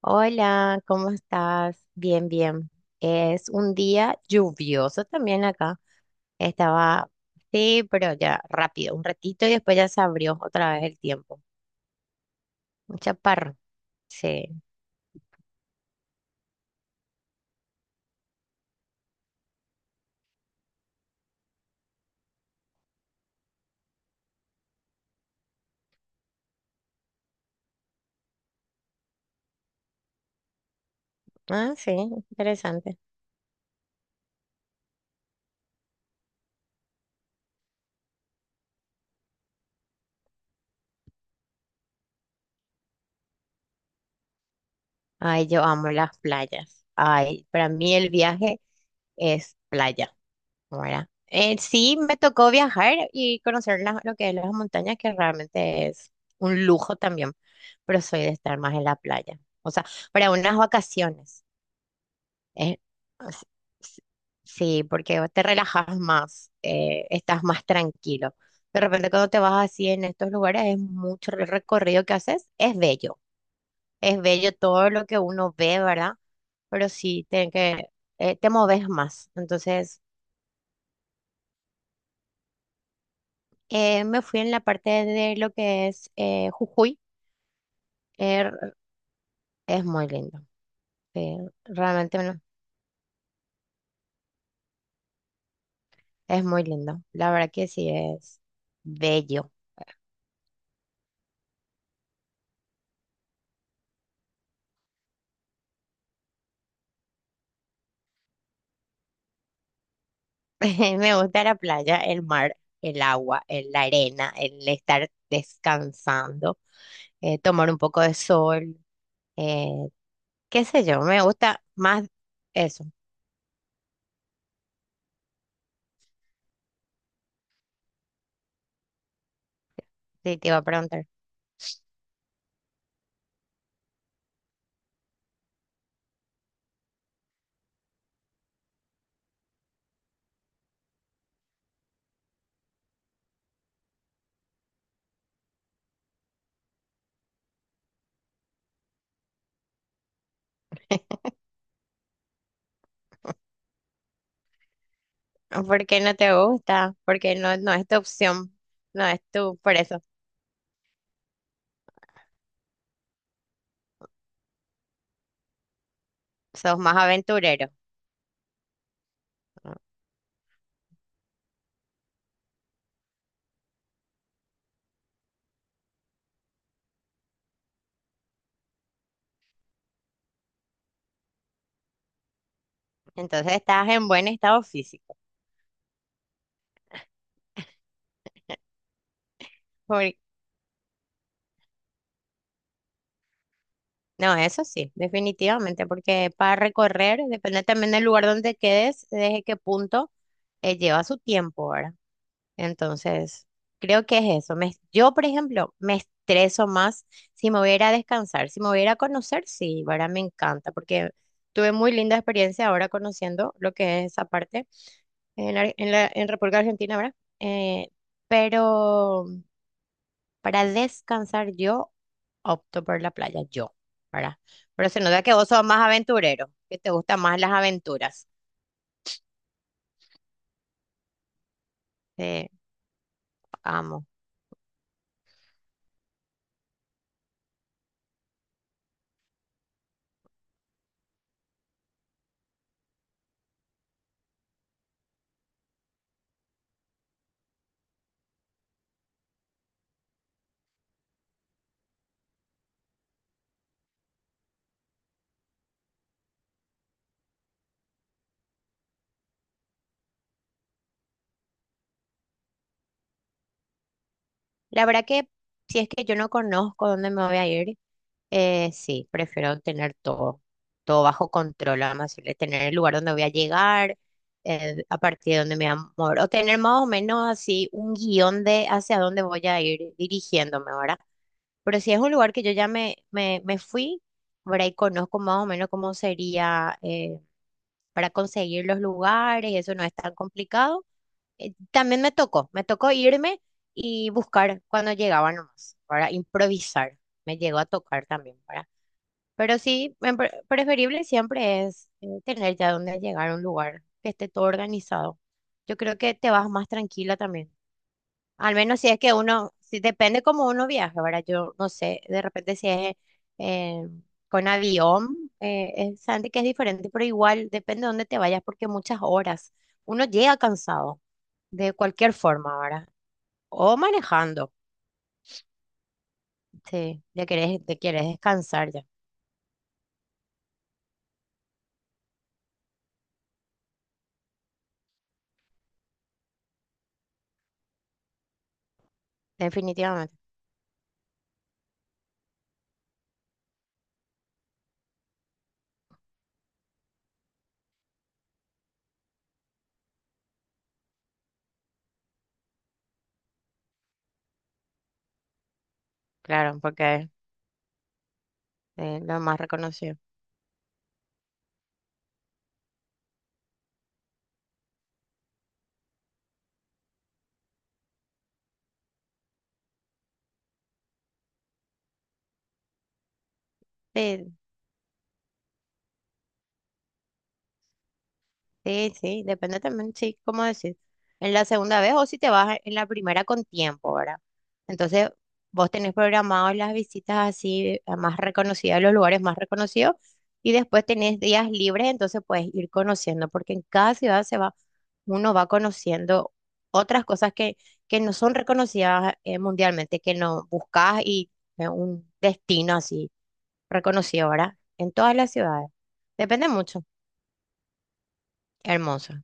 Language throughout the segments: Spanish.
Hola, ¿cómo estás? Bien, bien. Es un día lluvioso también acá. Estaba, sí, pero ya rápido, un ratito y después ya se abrió otra vez el tiempo. Un chaparro, sí. Ah, sí, interesante. Ay, yo amo las playas. Ay, para mí el viaje es playa. Ahora, sí, me tocó viajar y conocer lo que es las montañas, que realmente es un lujo también, pero soy de estar más en la playa. O sea, para unas vacaciones. eh, s- s- sí, porque te relajas más, estás más tranquilo. De repente cuando te vas así en estos lugares es mucho el recorrido que haces, es bello todo lo que uno ve, ¿verdad? Pero sí, te moves más. Entonces... me fui en la parte de lo que es Jujuy. Er- es muy lindo. eh, Realmente no, es muy lindo. La verdad que sí es bello. Me gusta la playa, el mar, el agua, la arena, el estar descansando, tomar un poco de sol, eh, qué sé yo. Me gusta más eso. Sí, te iba a preguntar. ¿Por qué no te gusta? Porque no, no es tu opción. No es tu, por eso. Sos más aventurero. Entonces estás en buen estado físico. Por- No, eso sí, definitivamente, porque para recorrer, depende también del lugar donde quedes, desde qué punto lleva su tiempo, ¿verdad? Entonces, creo que es eso. Yo, por ejemplo, me estreso más si me voy a ir a descansar, si me voy a ir a conocer, sí, ¿verdad? Me encanta, porque tuve muy linda experiencia ahora conociendo lo que es esa parte en, Ar- en la, en República Argentina, ¿verdad? Pero... Para descansar yo opto por la playa, yo, ¿verdad? Pero se nota que vos sos más aventurero, que te gustan más las aventuras. Eh, amo. La verdad que si es que yo no conozco dónde me voy a ir, sí, prefiero tener todo, todo bajo control, además tener el lugar donde voy a llegar, a partir de dónde me voy a mover, o tener más o menos así un guión de hacia dónde voy a ir dirigiéndome, ¿verdad? Pero si es un lugar que yo ya me fui, por ahí conozco más o menos cómo sería para conseguir los lugares, y eso no es tan complicado. También me tocó irme y buscar cuando llegaba nomás, para improvisar. Me llegó a tocar también, para. Pero sí, preferible siempre es tener ya donde llegar a un lugar que esté todo organizado. Yo creo que te vas más tranquila también. Al menos si es que uno, si depende cómo uno viaje, ¿verdad? Yo no sé, de repente si es eh, con avión, es, Sandy, que es diferente, pero igual depende de dónde te vayas, porque muchas horas uno llega cansado, de cualquier forma, ¿verdad? O manejando, sí, ya querés, te quieres descansar ya, definitivamente, claro, porque es lo más reconocido. Sí, sí, sí, depende también, sí, cómo decir, en la segunda vez o si te vas en la primera con tiempo, ¿verdad? Entonces, vos tenés programado las visitas así a más reconocidas, los lugares más reconocidos, y después tenés días libres, entonces puedes ir conociendo, porque en cada ciudad se va, uno va conociendo otras cosas que no son reconocidas mundialmente, que no buscas y un destino así reconocido, ¿verdad? En todas las ciudades. Depende mucho. Hermoso.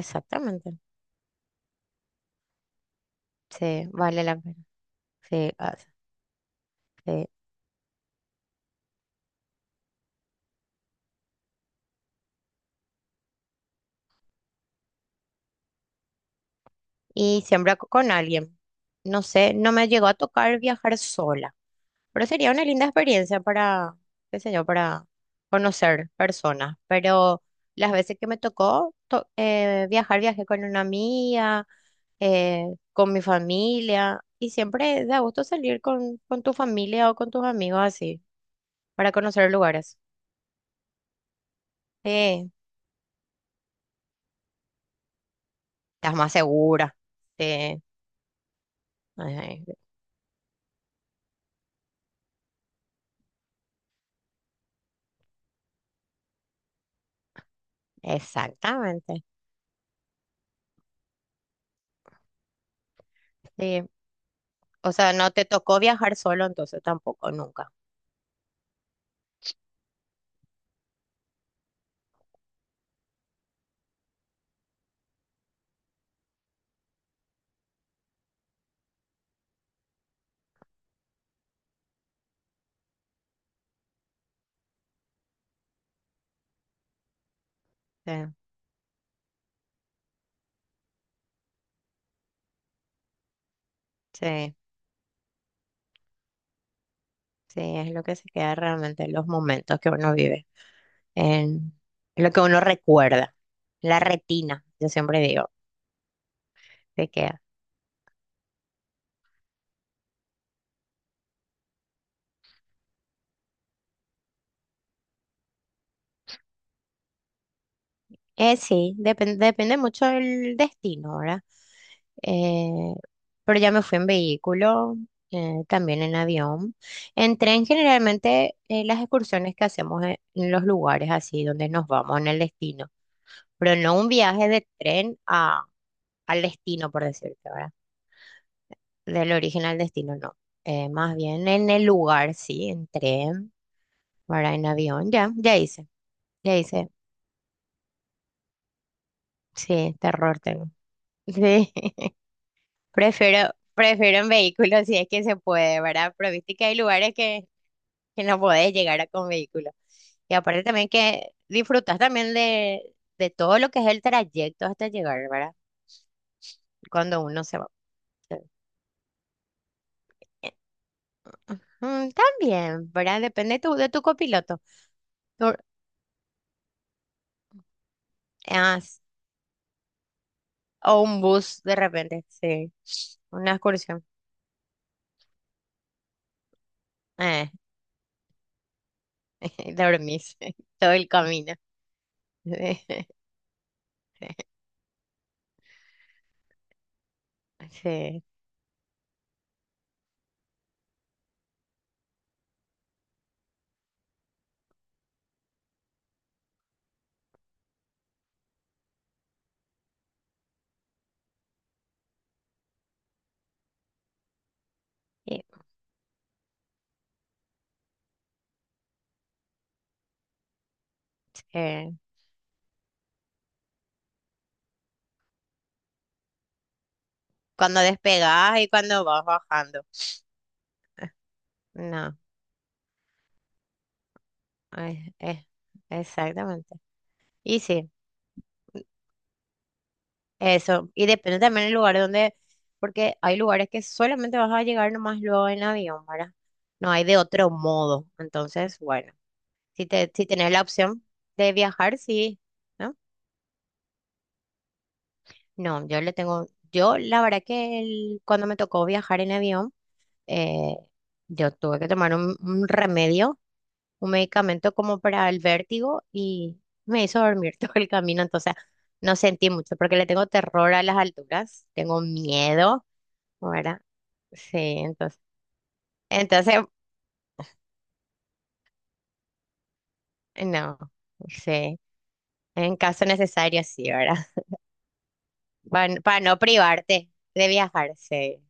Exactamente. Sí, vale la pena. Sí, ah, sí. Y con alguien. No sé, no me llegó a tocar viajar sola, pero sería una linda experiencia para, qué sé yo, para conocer personas. Pero las veces que me tocó viajar, viajé con una amiga, eh, con mi familia, y siempre da gusto salir con tu familia o con tus amigos así, para conocer lugares. Sí, estás más segura. Sí, ajá, exactamente. Sí. O sea, no te tocó viajar solo, entonces tampoco, nunca. Sí, sí, sí, es lo que se queda realmente los momentos que uno vive, en lo que uno recuerda, la retina, yo siempre digo, se queda. Sí, depende mucho del destino, ¿verdad? Eh, pero ya me fui en vehículo, también en avión. En tren, generalmente, las excursiones que hacemos en los lugares así donde nos vamos en el destino. Pero no un viaje de tren a, al destino, por decirte, ¿verdad? Del origen al destino, no. Más bien en el lugar, sí, en tren, ¿verdad? En avión, ya hice, ya hice. Sí, terror tengo. Sí, prefiero, prefiero en vehículo si es que se puede, ¿verdad? Pero viste que hay lugares que no podés llegar a con vehículo. Y aparte también que disfrutas también de todo lo que es el trayecto hasta llegar, ¿verdad? Cuando uno se va. Mm, también, ¿verdad? Depende de tu copiloto. Por- ah, s- o un bus de repente, sí. Una excursión. Eh, dormís todo el camino. Sí. y- sí. Cuando despegás y cuando vas bajando. No, eh, eh, exactamente. Y sí, eso. Y depende también del lugar donde, porque hay lugares que solamente vas a llegar nomás luego en avión, ¿verdad? No hay de otro modo. Entonces, bueno. Si te, si tenés la opción de viajar, sí, ¿no? No, yo le tengo, yo la verdad que cuando me tocó viajar en avión, eh, yo tuve que tomar un remedio, un medicamento como para el vértigo y me hizo dormir todo el camino, entonces no sentí mucho porque le tengo terror a las alturas, tengo miedo, ¿verdad? Sí, entonces, entonces, no, sí, en caso necesario, sí, ¿verdad? Para no privarte de viajar, sí.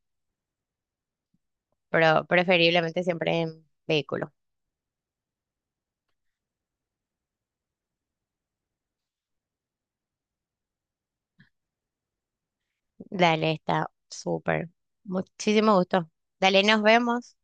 Pero preferiblemente siempre en vehículo. Dale, está súper. Muchísimo gusto. Dale, nos vemos.